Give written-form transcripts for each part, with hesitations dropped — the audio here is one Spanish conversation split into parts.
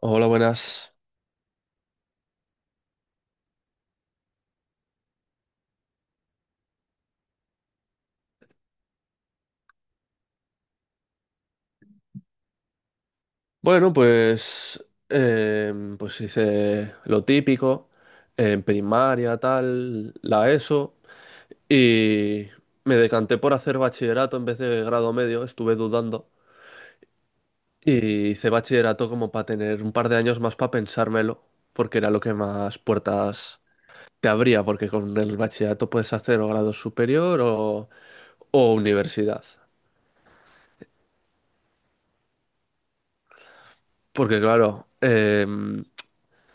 Hola, buenas. Bueno, pues hice lo típico, en primaria, tal, la ESO, y me decanté por hacer bachillerato en vez de grado medio, estuve dudando, y hice bachillerato como para tener un par de años más para pensármelo, porque era lo que más puertas te abría, porque con el bachillerato puedes hacer o grado superior o universidad. Porque claro,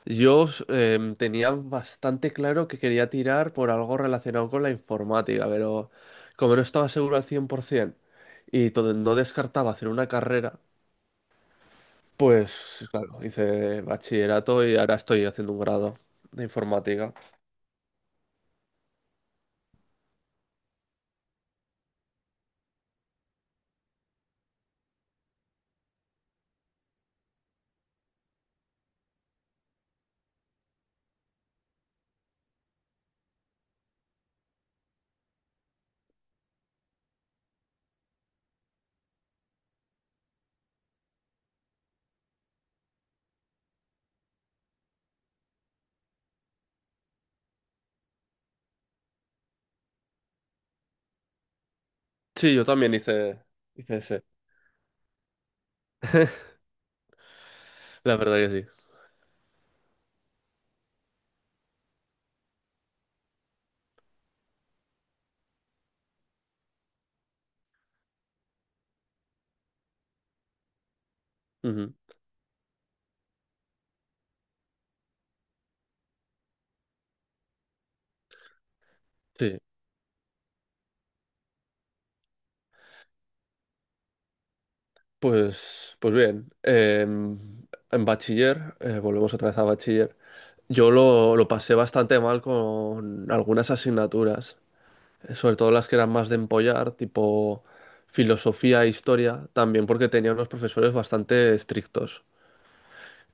yo tenía bastante claro que quería tirar por algo relacionado con la informática, pero como no estaba seguro al 100% y no descartaba hacer una carrera, pues claro, hice bachillerato y ahora estoy haciendo un grado de informática. Sí, yo también hice, hice ese, la verdad que sí. Ujú. Sí, pues bien, en bachiller, volvemos otra vez a bachiller. Yo lo pasé bastante mal con algunas asignaturas, sobre todo las que eran más de empollar, tipo filosofía e historia, también porque tenía unos profesores bastante estrictos.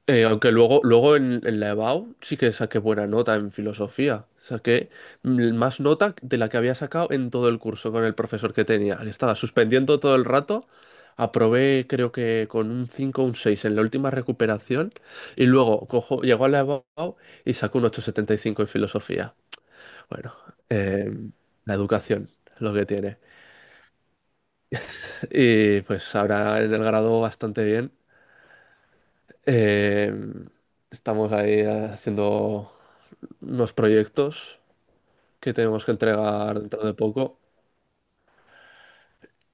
Aunque luego en la EBAU sí que saqué buena nota en filosofía. Saqué más nota de la que había sacado en todo el curso con el profesor que tenía, que estaba suspendiendo todo el rato. Aprobé creo que con un 5 o un 6 en la última recuperación. Y luego llegó a la EBAU y sacó un 8,75 en filosofía. Bueno, eh, la educación es lo que tiene. Y pues ahora en el grado bastante bien. Eh, estamos ahí haciendo unos proyectos que tenemos que entregar dentro de poco.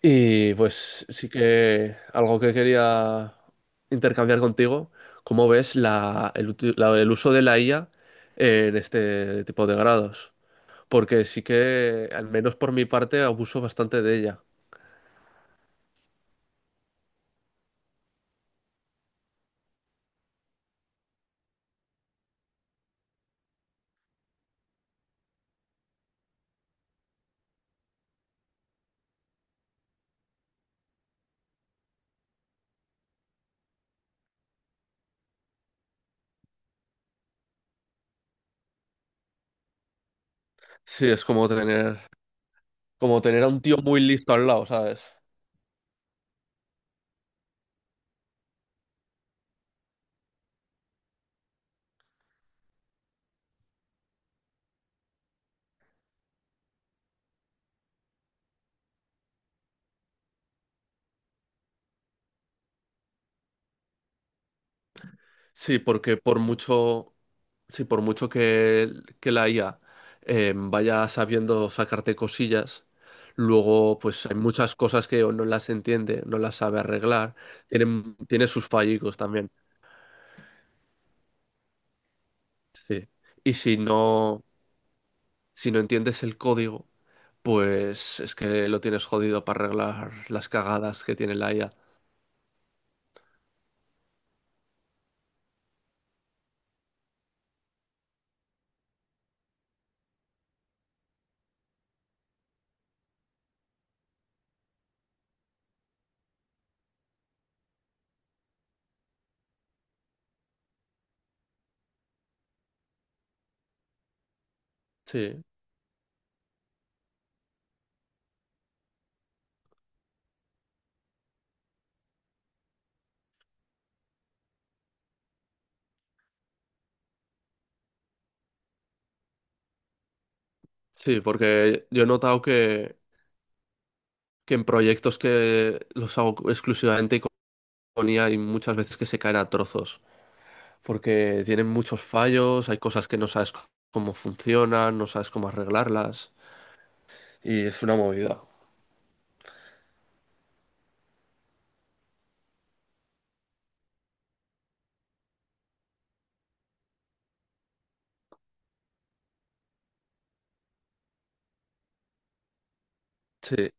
Y pues sí que algo que quería intercambiar contigo, ¿cómo ves la, el, uti- la- el uso de la IA en este tipo de grados? Porque sí que, al menos por mi parte, abuso bastante de ella. Sí, es como tener a un tío muy listo al lado, ¿sabes? Sí, porque sí, por mucho que la IA vaya sabiendo sacarte cosillas, luego pues hay muchas cosas que o no las entiende, no las sabe arreglar, tiene sus fallicos también. Sí. Y si no entiendes el código, pues es que lo tienes jodido para arreglar las cagadas que tiene la IA. Sí, sí, porque yo he notado que en proyectos que los hago exclusivamente y hay muchas veces que se caen a trozos, porque tienen muchos fallos, hay cosas que no sabes cómo funcionan, no sabes cómo arreglarlas, y es una movida. Sí,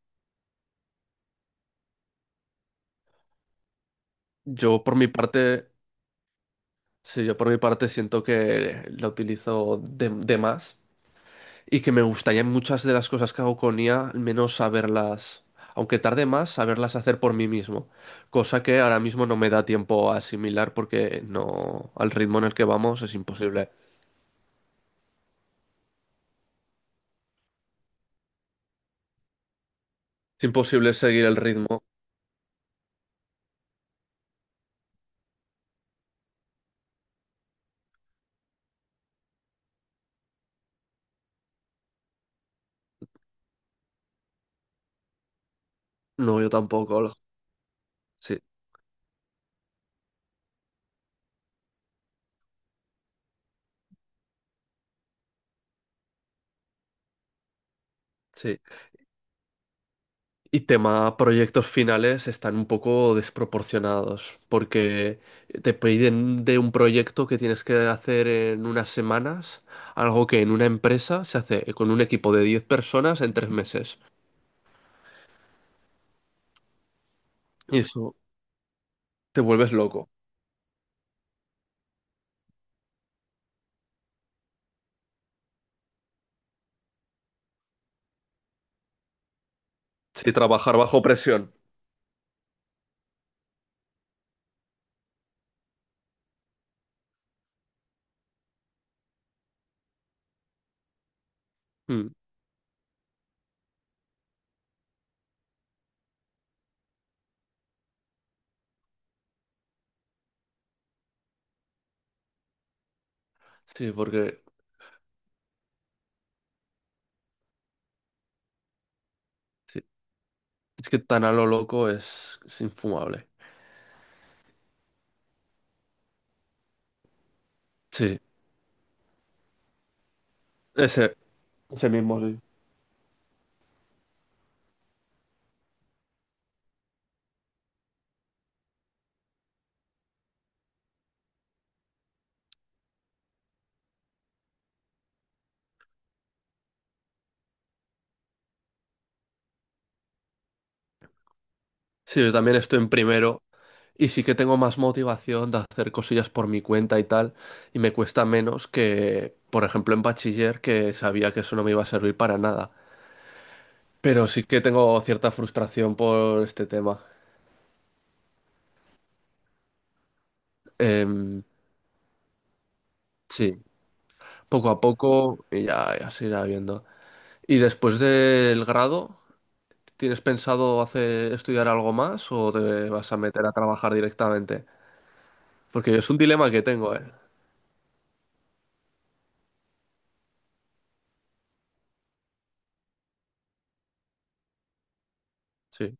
yo por mi parte, sí, yo por mi parte siento que la utilizo de más y que me gustaría en muchas de las cosas que hago con IA, al menos saberlas, aunque tarde más, saberlas hacer por mí mismo, cosa que ahora mismo no me da tiempo a asimilar porque no, al ritmo en el que vamos es imposible. Es imposible seguir el ritmo. No, yo tampoco, Olo. Sí, sí. Y tema proyectos finales están un poco desproporcionados, porque te piden de un proyecto que tienes que hacer en unas semanas, algo que en una empresa se hace con un equipo de 10 personas en 3 meses. Y eso te vuelves loco. Sí, trabajar bajo presión. Mm. Sí, porque sí. Es que tan a lo loco es infumable. Sí, ese, ese mismo, sí. Sí, yo también estoy en primero. Y sí que tengo más motivación de hacer cosillas por mi cuenta y tal, y me cuesta menos que, por ejemplo, en bachiller, que sabía que eso no me iba a servir para nada. Pero sí que tengo cierta frustración por este tema. Em, sí, poco a poco y ya se irá viendo. ¿Y después del grado, tienes pensado hacer, estudiar algo más o te vas a meter a trabajar directamente? Porque es un dilema que tengo, ¿eh? Sí,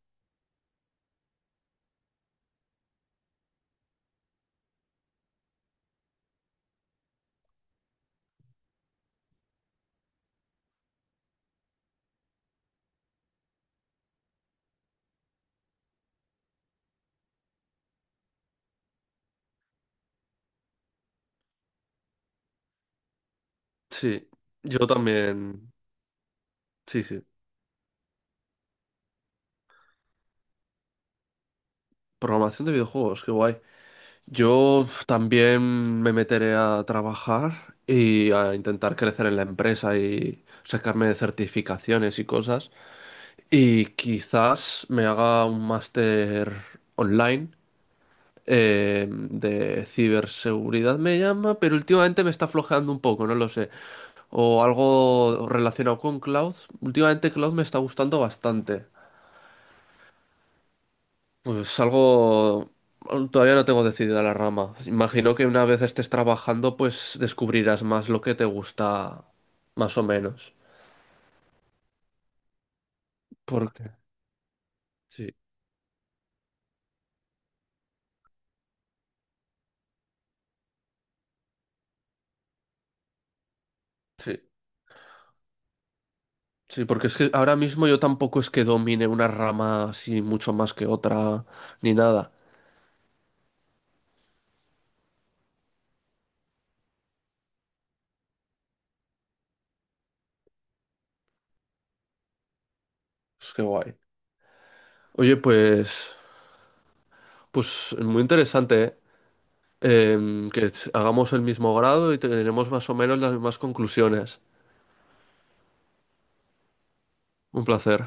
sí, yo también. Sí, sí. Programación de videojuegos, qué guay. Yo también me meteré a trabajar y a intentar crecer en la empresa y sacarme de certificaciones y cosas. Y quizás me haga un máster online de ciberseguridad, me llama, pero últimamente me está flojeando un poco, no lo sé. O algo relacionado con cloud. Últimamente cloud me está gustando bastante. Pues algo... Todavía no tengo decidida la rama. Imagino que una vez estés trabajando, pues descubrirás más lo que te gusta, más o menos. Porque... Sí, sí, sí, porque es que ahora mismo yo tampoco es que domine una rama así mucho más que otra, ni nada. Pues qué guay. Oye, pues muy interesante, ¿eh? Que hagamos el mismo grado y tenemos más o menos las mismas conclusiones. Un placer.